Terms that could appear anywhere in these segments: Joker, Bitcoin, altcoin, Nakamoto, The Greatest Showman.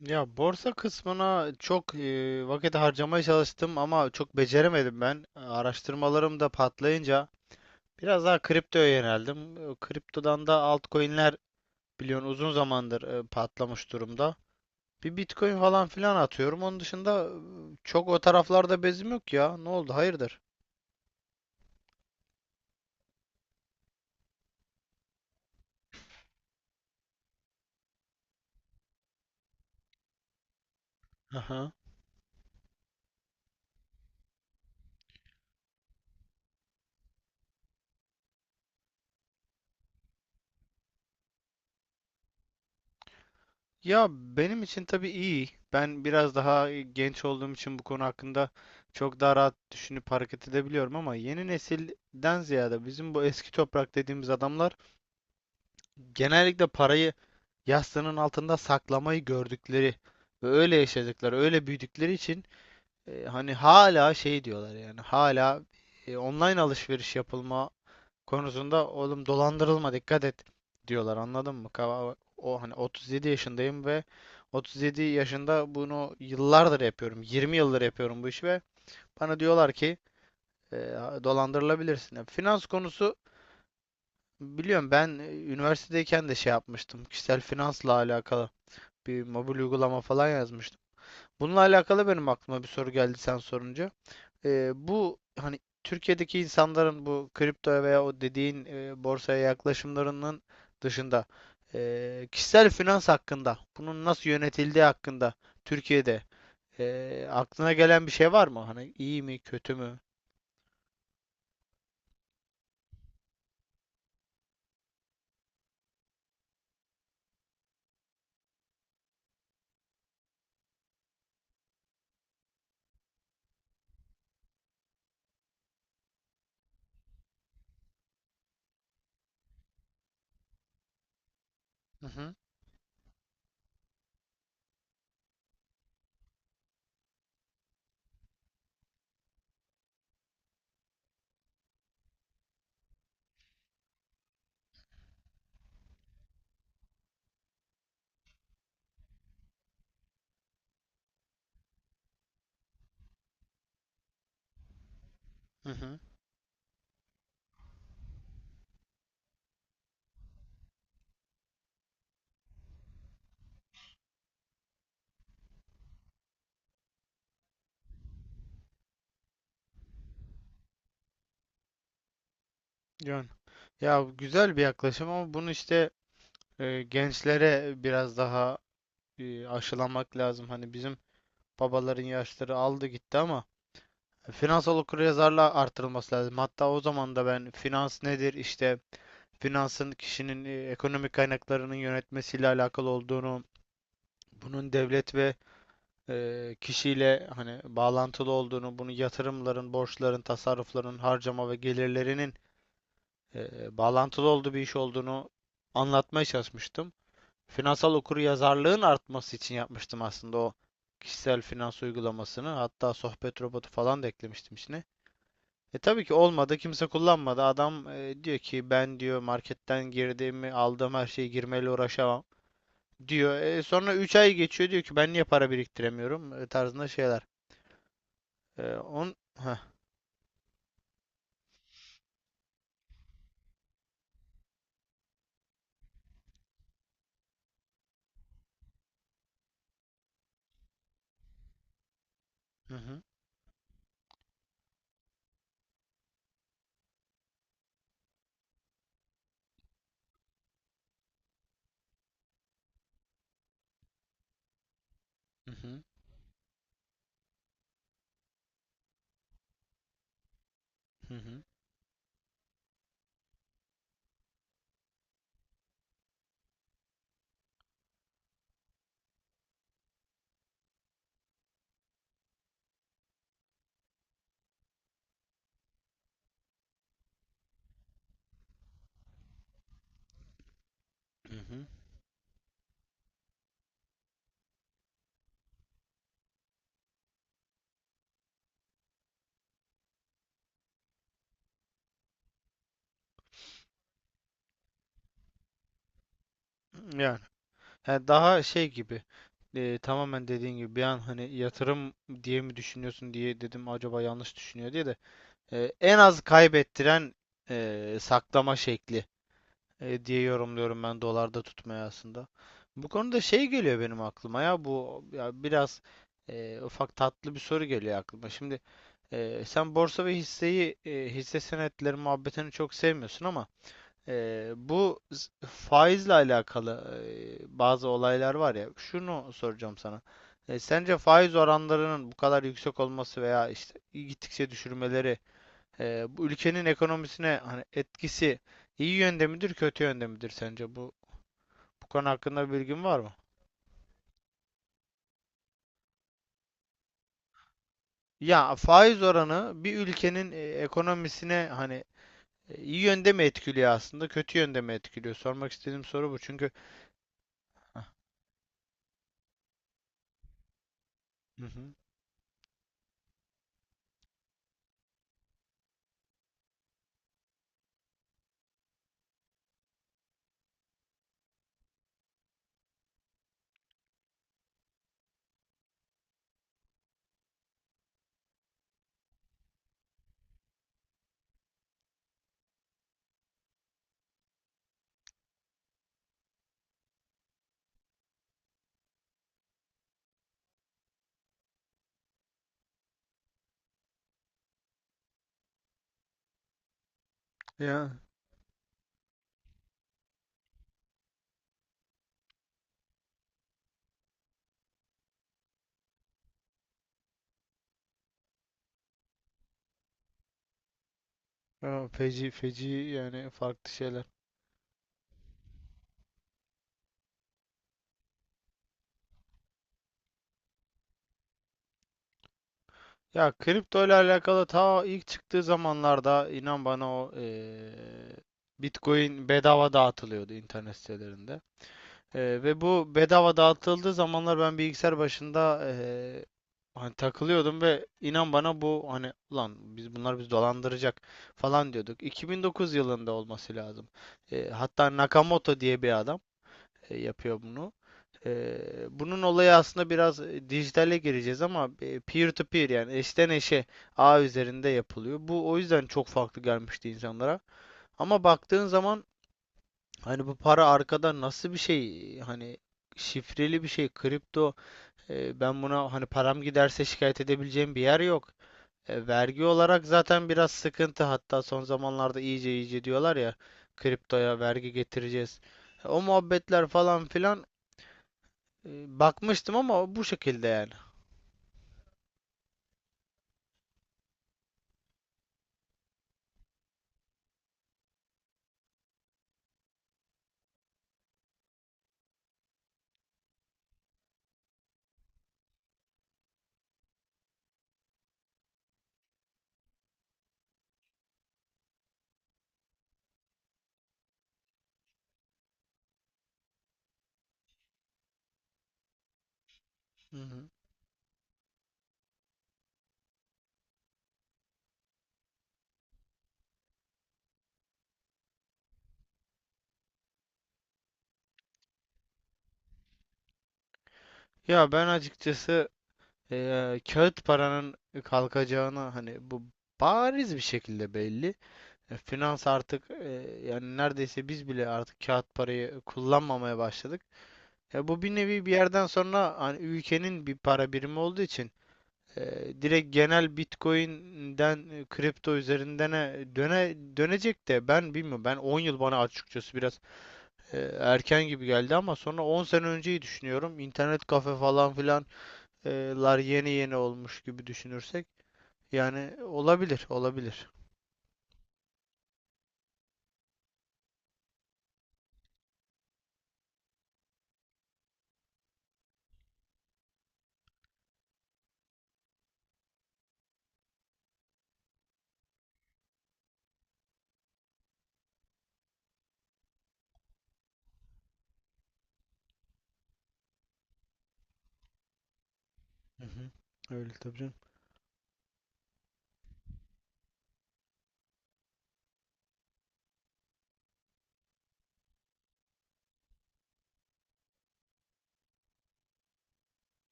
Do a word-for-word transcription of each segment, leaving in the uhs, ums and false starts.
Ya borsa kısmına çok e, vakit harcamaya çalıştım ama çok beceremedim ben. Araştırmalarım da patlayınca biraz daha kriptoya yöneldim. E, Kriptodan da altcoin'ler biliyorsun uzun zamandır e, patlamış durumda. Bir Bitcoin falan filan atıyorum. Onun dışında e, çok o taraflarda bezim yok ya. Ne oldu? Hayırdır? Ya benim için tabii iyi. Ben biraz daha e, genç olduğum için bu konu hakkında çok daha rahat düşünüp hareket edebiliyorum ama yeni nesilden ziyade bizim bu eski toprak dediğimiz adamlar genellikle parayı yastığının altında saklamayı gördükleri ve öyle yaşadıkları, öyle büyüdükleri için e, hani hala şey diyorlar, yani hala e, online alışveriş yapılma konusunda oğlum dolandırılma dikkat et diyorlar, anladın mı? Kava- O hani otuz yedi yaşındayım ve otuz yedi yaşında bunu yıllardır yapıyorum. yirmi yıldır yapıyorum bu işi ve bana diyorlar ki e, dolandırılabilirsin. Ya, finans konusu biliyorum ben, e, üniversitedeyken de şey yapmıştım. Kişisel finansla alakalı bir mobil uygulama falan yazmıştım. Bununla alakalı benim aklıma bir soru geldi sen sorunca. E, bu hani Türkiye'deki insanların bu kripto veya o dediğin e, borsaya yaklaşımlarının dışında e, kişisel finans hakkında, bunun nasıl yönetildiği hakkında Türkiye'de e, aklına gelen bir şey var mı? Hani iyi mi, kötü mü? Hı hı, hı hı. Yani, ya güzel bir yaklaşım ama bunu işte e, gençlere biraz daha e, aşılamak lazım. Hani bizim babaların yaşları aldı gitti ama finansal okuryazarlığa artırılması lazım. Hatta o zaman da ben finans nedir işte finansın kişinin e, ekonomik kaynaklarının yönetmesiyle alakalı olduğunu, bunun devlet ve e, kişiyle hani bağlantılı olduğunu, bunu yatırımların, borçların, tasarrufların, harcama ve gelirlerinin e, bağlantılı olduğu bir iş olduğunu anlatmaya çalışmıştım. Finansal okuryazarlığın artması için yapmıştım aslında o kişisel finans uygulamasını. Hatta sohbet robotu falan da eklemiştim içine. E tabii ki olmadı. Kimse kullanmadı. Adam e, diyor ki ben diyor marketten girdiğimi aldığım her şeyi girmeyle uğraşamam diyor. E, sonra üç ay geçiyor diyor ki ben niye para biriktiremiyorum e, tarzında şeyler. E, on Heh. Hı hı. Hı hı. Hı hı. Hı hı. Yani he, daha şey gibi, e, tamamen dediğin gibi bir an hani yatırım diye mi düşünüyorsun diye dedim, acaba yanlış düşünüyor diye de. E, en az kaybettiren e, saklama şekli e, diye yorumluyorum ben dolarda tutmaya aslında. Bu konuda şey geliyor benim aklıma, ya bu ya biraz e, ufak tatlı bir soru geliyor aklıma. Şimdi e, sen borsa ve hisseyi, e, hisse senetleri muhabbetini çok sevmiyorsun ama e, bu z- faizle alakalı e, bazı olaylar var ya. Şunu soracağım sana. E, sence faiz oranlarının bu kadar yüksek olması veya işte gittikçe düşürmeleri, ee, bu ülkenin ekonomisine hani etkisi iyi yönde midir, kötü yönde midir sence? Bu bu konu hakkında bir bilgin var mı? Ya faiz oranı bir ülkenin e, ekonomisine hani e, iyi yönde mi etkiliyor aslında, kötü yönde mi etkiliyor? Sormak istediğim soru bu. Çünkü ah, hı hı. Ya ya feci feci, yani farklı şeyler. Ya kripto ile alakalı ta ilk çıktığı zamanlarda inan bana o eee, Bitcoin bedava dağıtılıyordu internet sitelerinde. Ee, ve bu bedava dağıtıldığı zamanlar ben bilgisayar başında ee, hani takılıyordum ve inan bana bu hani ulan biz bunlar bizi dolandıracak falan diyorduk. iki bin dokuz yılında olması lazım. Ee, hatta Nakamoto diye bir adam e, yapıyor bunu. Ee, bunun olayı aslında biraz e, dijitale gireceğiz ama e, peer to peer, yani eşten eşe ağ üzerinde yapılıyor. Bu o yüzden çok farklı gelmişti insanlara. Ama baktığın zaman hani bu para arkada nasıl bir şey? Hani şifreli bir şey. Kripto. E, ben buna hani param giderse şikayet edebileceğim bir yer yok. E, vergi olarak zaten biraz sıkıntı. Hatta son zamanlarda iyice iyice diyorlar ya kriptoya vergi getireceğiz. E, o muhabbetler falan filan e, bakmıştım ama bu şekilde yani. Hı hı. Ya ben açıkçası e, kağıt paranın kalkacağına hani bu bariz bir şekilde belli. E, Finans artık, e, yani neredeyse biz bile artık kağıt parayı kullanmamaya başladık. E, bu bir nevi bir yerden sonra hani ülkenin bir para birimi olduğu için e, direkt genel Bitcoin'den e, kripto üzerindene döne dönecek de ben bilmiyorum. Ben on yıl bana açıkçası biraz e, erken gibi geldi ama sonra on sene önceyi düşünüyorum. İnternet kafe falan filanlar e, yeni yeni olmuş gibi düşünürsek yani olabilir, olabilir. Hı hı. Öyle tabii canım.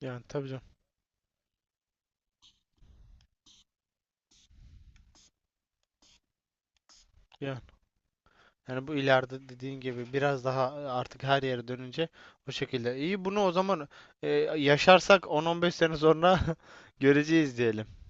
Yani tabii canım. Yani yani bu ileride dediğin gibi biraz daha e, artık her yere dönünce o şekilde. İyi bunu o zaman e, yaşarsak on on beş sene sonra göreceğiz diyelim.